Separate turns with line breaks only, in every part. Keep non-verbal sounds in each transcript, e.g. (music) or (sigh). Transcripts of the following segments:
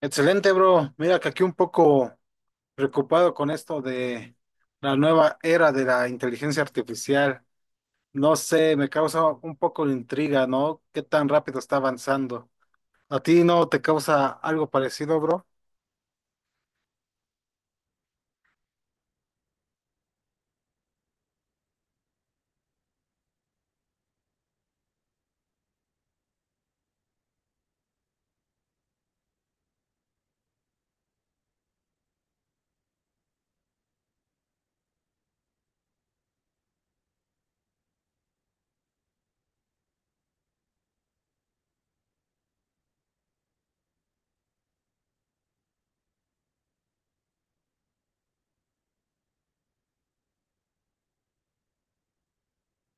Excelente, bro. Mira que aquí un poco preocupado con esto de la nueva era de la inteligencia artificial. No sé, me causa un poco de intriga, ¿no? ¿Qué tan rápido está avanzando? ¿A ti no te causa algo parecido, bro?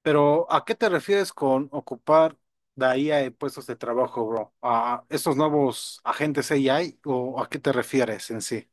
Pero ¿a qué te refieres con ocupar la IA en puestos de trabajo, bro? ¿A estos nuevos agentes AI o a qué te refieres en sí?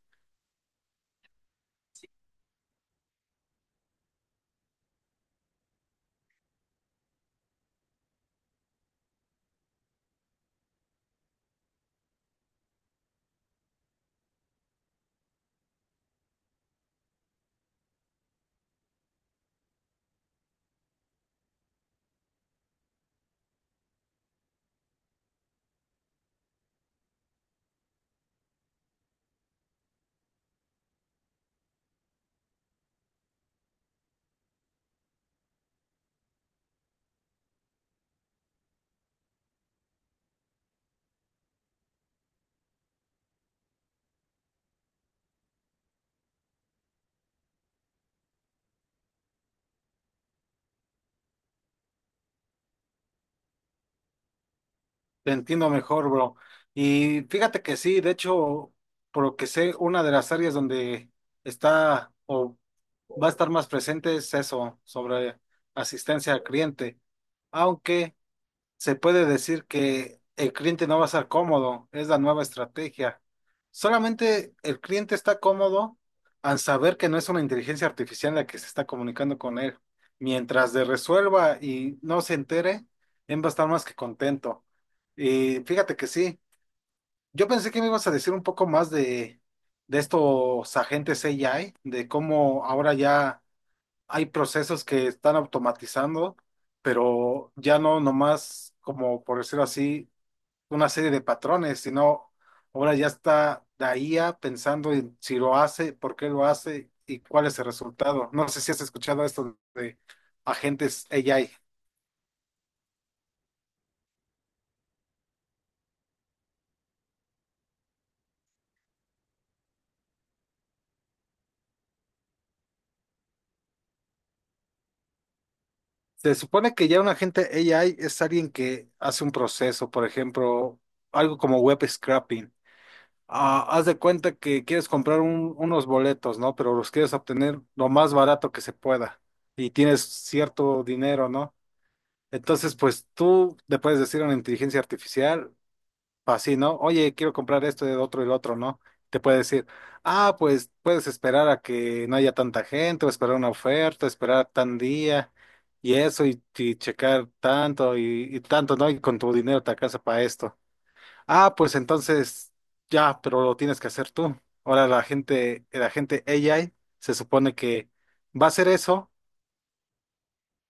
Te entiendo mejor, bro. Y fíjate que sí, de hecho, por lo que sé, una de las áreas donde está o va a estar más presente es eso, sobre asistencia al cliente. Aunque se puede decir que el cliente no va a estar cómodo, es la nueva estrategia. Solamente el cliente está cómodo al saber que no es una inteligencia artificial la que se está comunicando con él. Mientras le resuelva y no se entere, él va a estar más que contento. Y fíjate que sí, yo pensé que me ibas a decir un poco más de estos agentes AI, de cómo ahora ya hay procesos que están automatizando, pero ya no nomás como por decirlo así, una serie de patrones, sino ahora ya está la IA pensando en si lo hace, por qué lo hace y cuál es el resultado. No sé si has escuchado esto de agentes AI. Se supone que ya un agente AI es alguien que hace un proceso, por ejemplo, algo como web scraping. Ah, haz de cuenta que quieres comprar unos boletos, ¿no? Pero los quieres obtener lo más barato que se pueda y tienes cierto dinero, ¿no? Entonces, pues tú le puedes decir a una inteligencia artificial, así, ¿no? Oye, quiero comprar esto, el otro y el otro, ¿no? Te puede decir, ah, pues puedes esperar a que no haya tanta gente, o esperar una oferta, esperar tan día y eso, y checar tanto y tanto, ¿no? Y con tu dinero te alcanza para esto. Ah, pues entonces ya, pero lo tienes que hacer tú. Ahora la gente AI se supone que va a hacer eso,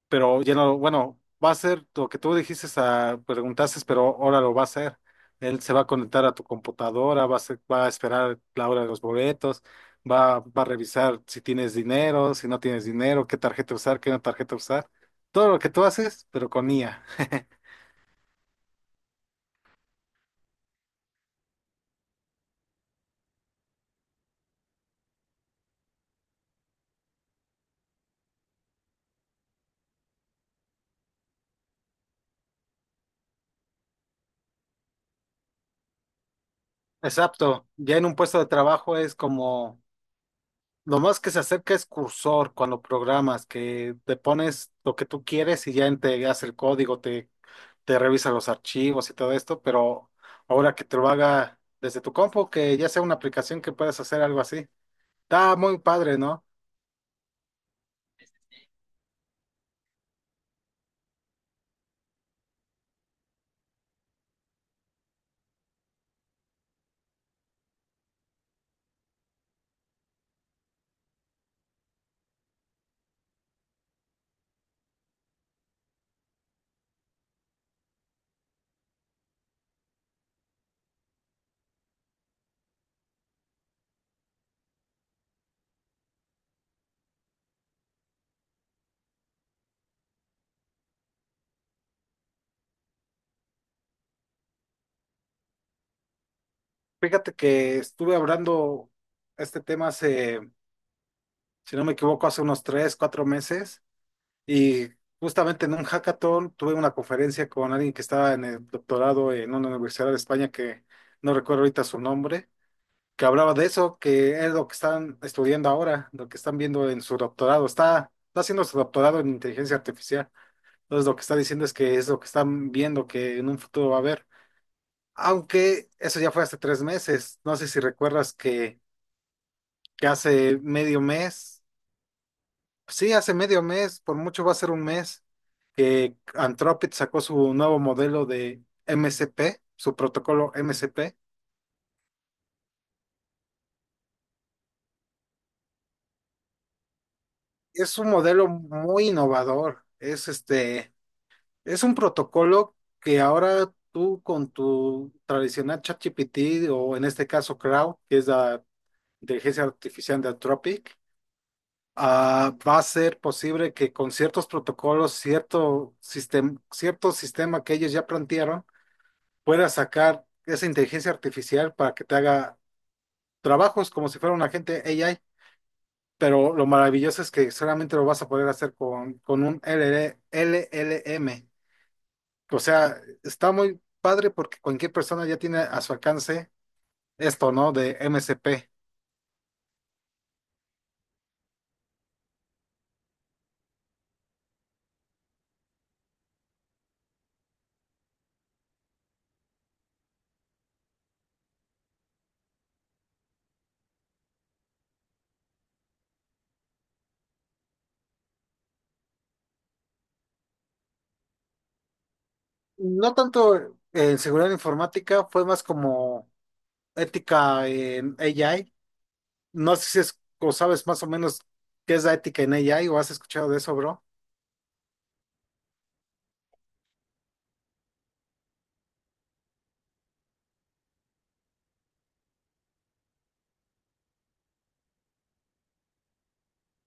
pero ya no, bueno, va a hacer lo que tú dijiste, a, preguntaste, pero ahora lo va a hacer. Él se va a conectar a tu computadora, va a, va a esperar la hora de los boletos, va a revisar si tienes dinero, si no tienes dinero, qué tarjeta usar, qué no tarjeta usar. Todo lo que tú haces, pero con IA. (laughs) Exacto. Ya en un puesto de trabajo es como lo más que se acerca es cursor cuando programas, que te pones lo que tú quieres y ya te hace el código, te revisa los archivos y todo esto, pero ahora que te lo haga desde tu compu, que ya sea una aplicación que puedas hacer algo así. Está muy padre, ¿no? Fíjate que estuve hablando este tema hace, si no me equivoco, hace unos tres, cuatro meses y justamente en un hackathon tuve una conferencia con alguien que estaba en el doctorado en una universidad de España, que no recuerdo ahorita su nombre, que hablaba de eso, que es lo que están estudiando ahora, lo que están viendo en su doctorado. Está haciendo su doctorado en inteligencia artificial. Entonces lo que está diciendo es que es lo que están viendo que en un futuro va a haber. Aunque eso ya fue hace tres meses. No sé si recuerdas que hace medio mes, sí, hace medio mes, por mucho va a ser un mes, que Anthropic sacó su nuevo modelo de MCP, su protocolo MCP. Es un modelo muy innovador. Es este, es un protocolo que ahora tú con tu tradicional ChatGPT o en este caso Crowd, que es la inteligencia artificial de Anthropic, ah, va a ser posible que con ciertos protocolos, cierto sistema que ellos ya plantearon, puedas sacar esa inteligencia artificial para que te haga trabajos como si fuera un agente AI. Pero lo maravilloso es que solamente lo vas a poder hacer con un LL LLM. O sea, está muy padre porque cualquier persona ya tiene a su alcance esto, ¿no? De MCP. No tanto en seguridad informática, fue más como ética en AI. No sé si es, o sabes más o menos qué es la ética en AI o has escuchado de eso, bro.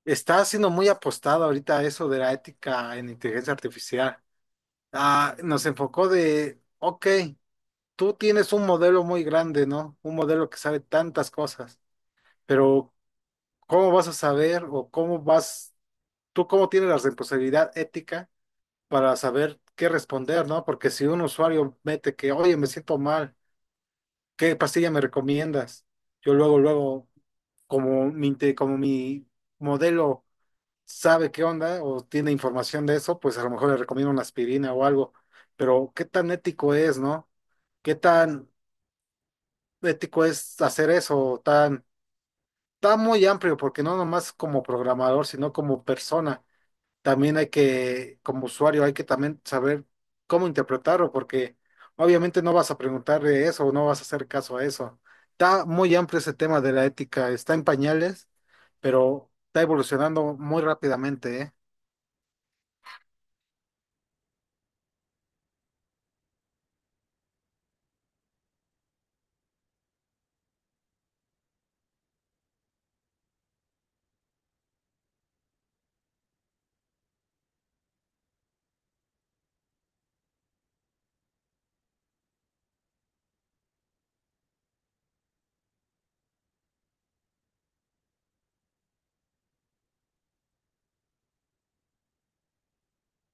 Está siendo muy apostado ahorita a eso de la ética en inteligencia artificial. Ah, nos enfocó de, ok, tú tienes un modelo muy grande, ¿no? Un modelo que sabe tantas cosas, pero ¿cómo vas a saber o cómo vas, tú cómo tienes la responsabilidad ética para saber qué responder, ¿no? Porque si un usuario mete que, oye, me siento mal, ¿qué pastilla me recomiendas? Yo luego, luego, como mi, como mi modelo sabe qué onda o tiene información de eso, pues a lo mejor le recomiendo una aspirina o algo. Pero ¿qué tan ético es, no? ¿Qué tan ético es hacer eso? Tan, tan muy amplio, porque no nomás como programador, sino como persona también hay que, como usuario, hay que también saber cómo interpretarlo, porque obviamente no vas a preguntarle eso o no vas a hacer caso a eso. Está muy amplio ese tema de la ética, está en pañales, pero está evolucionando muy rápidamente, ¿eh?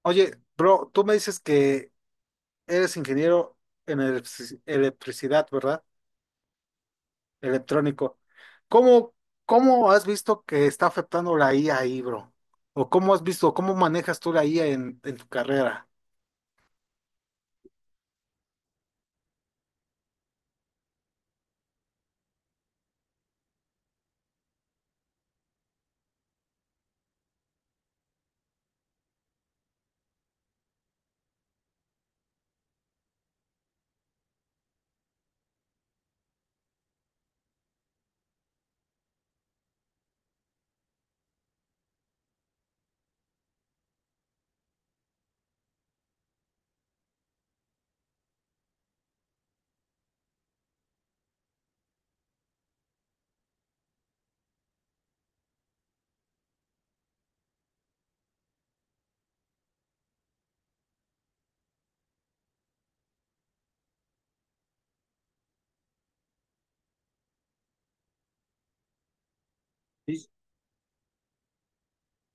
Oye, bro, tú me dices que eres ingeniero en electricidad, ¿verdad? Electrónico. ¿Cómo, cómo has visto que está afectando la IA ahí, bro? ¿O cómo has visto, cómo manejas tú la IA en tu carrera?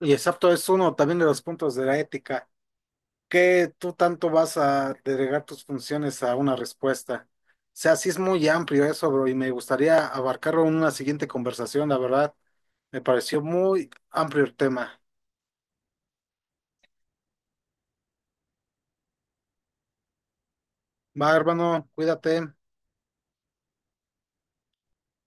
Y exacto, es uno también de los puntos de la ética, que tú tanto vas a delegar tus funciones a una respuesta. O sea, sí es muy amplio eso, bro, y me gustaría abarcarlo en una siguiente conversación, la verdad. Me pareció muy amplio el tema. Va, hermano, cuídate.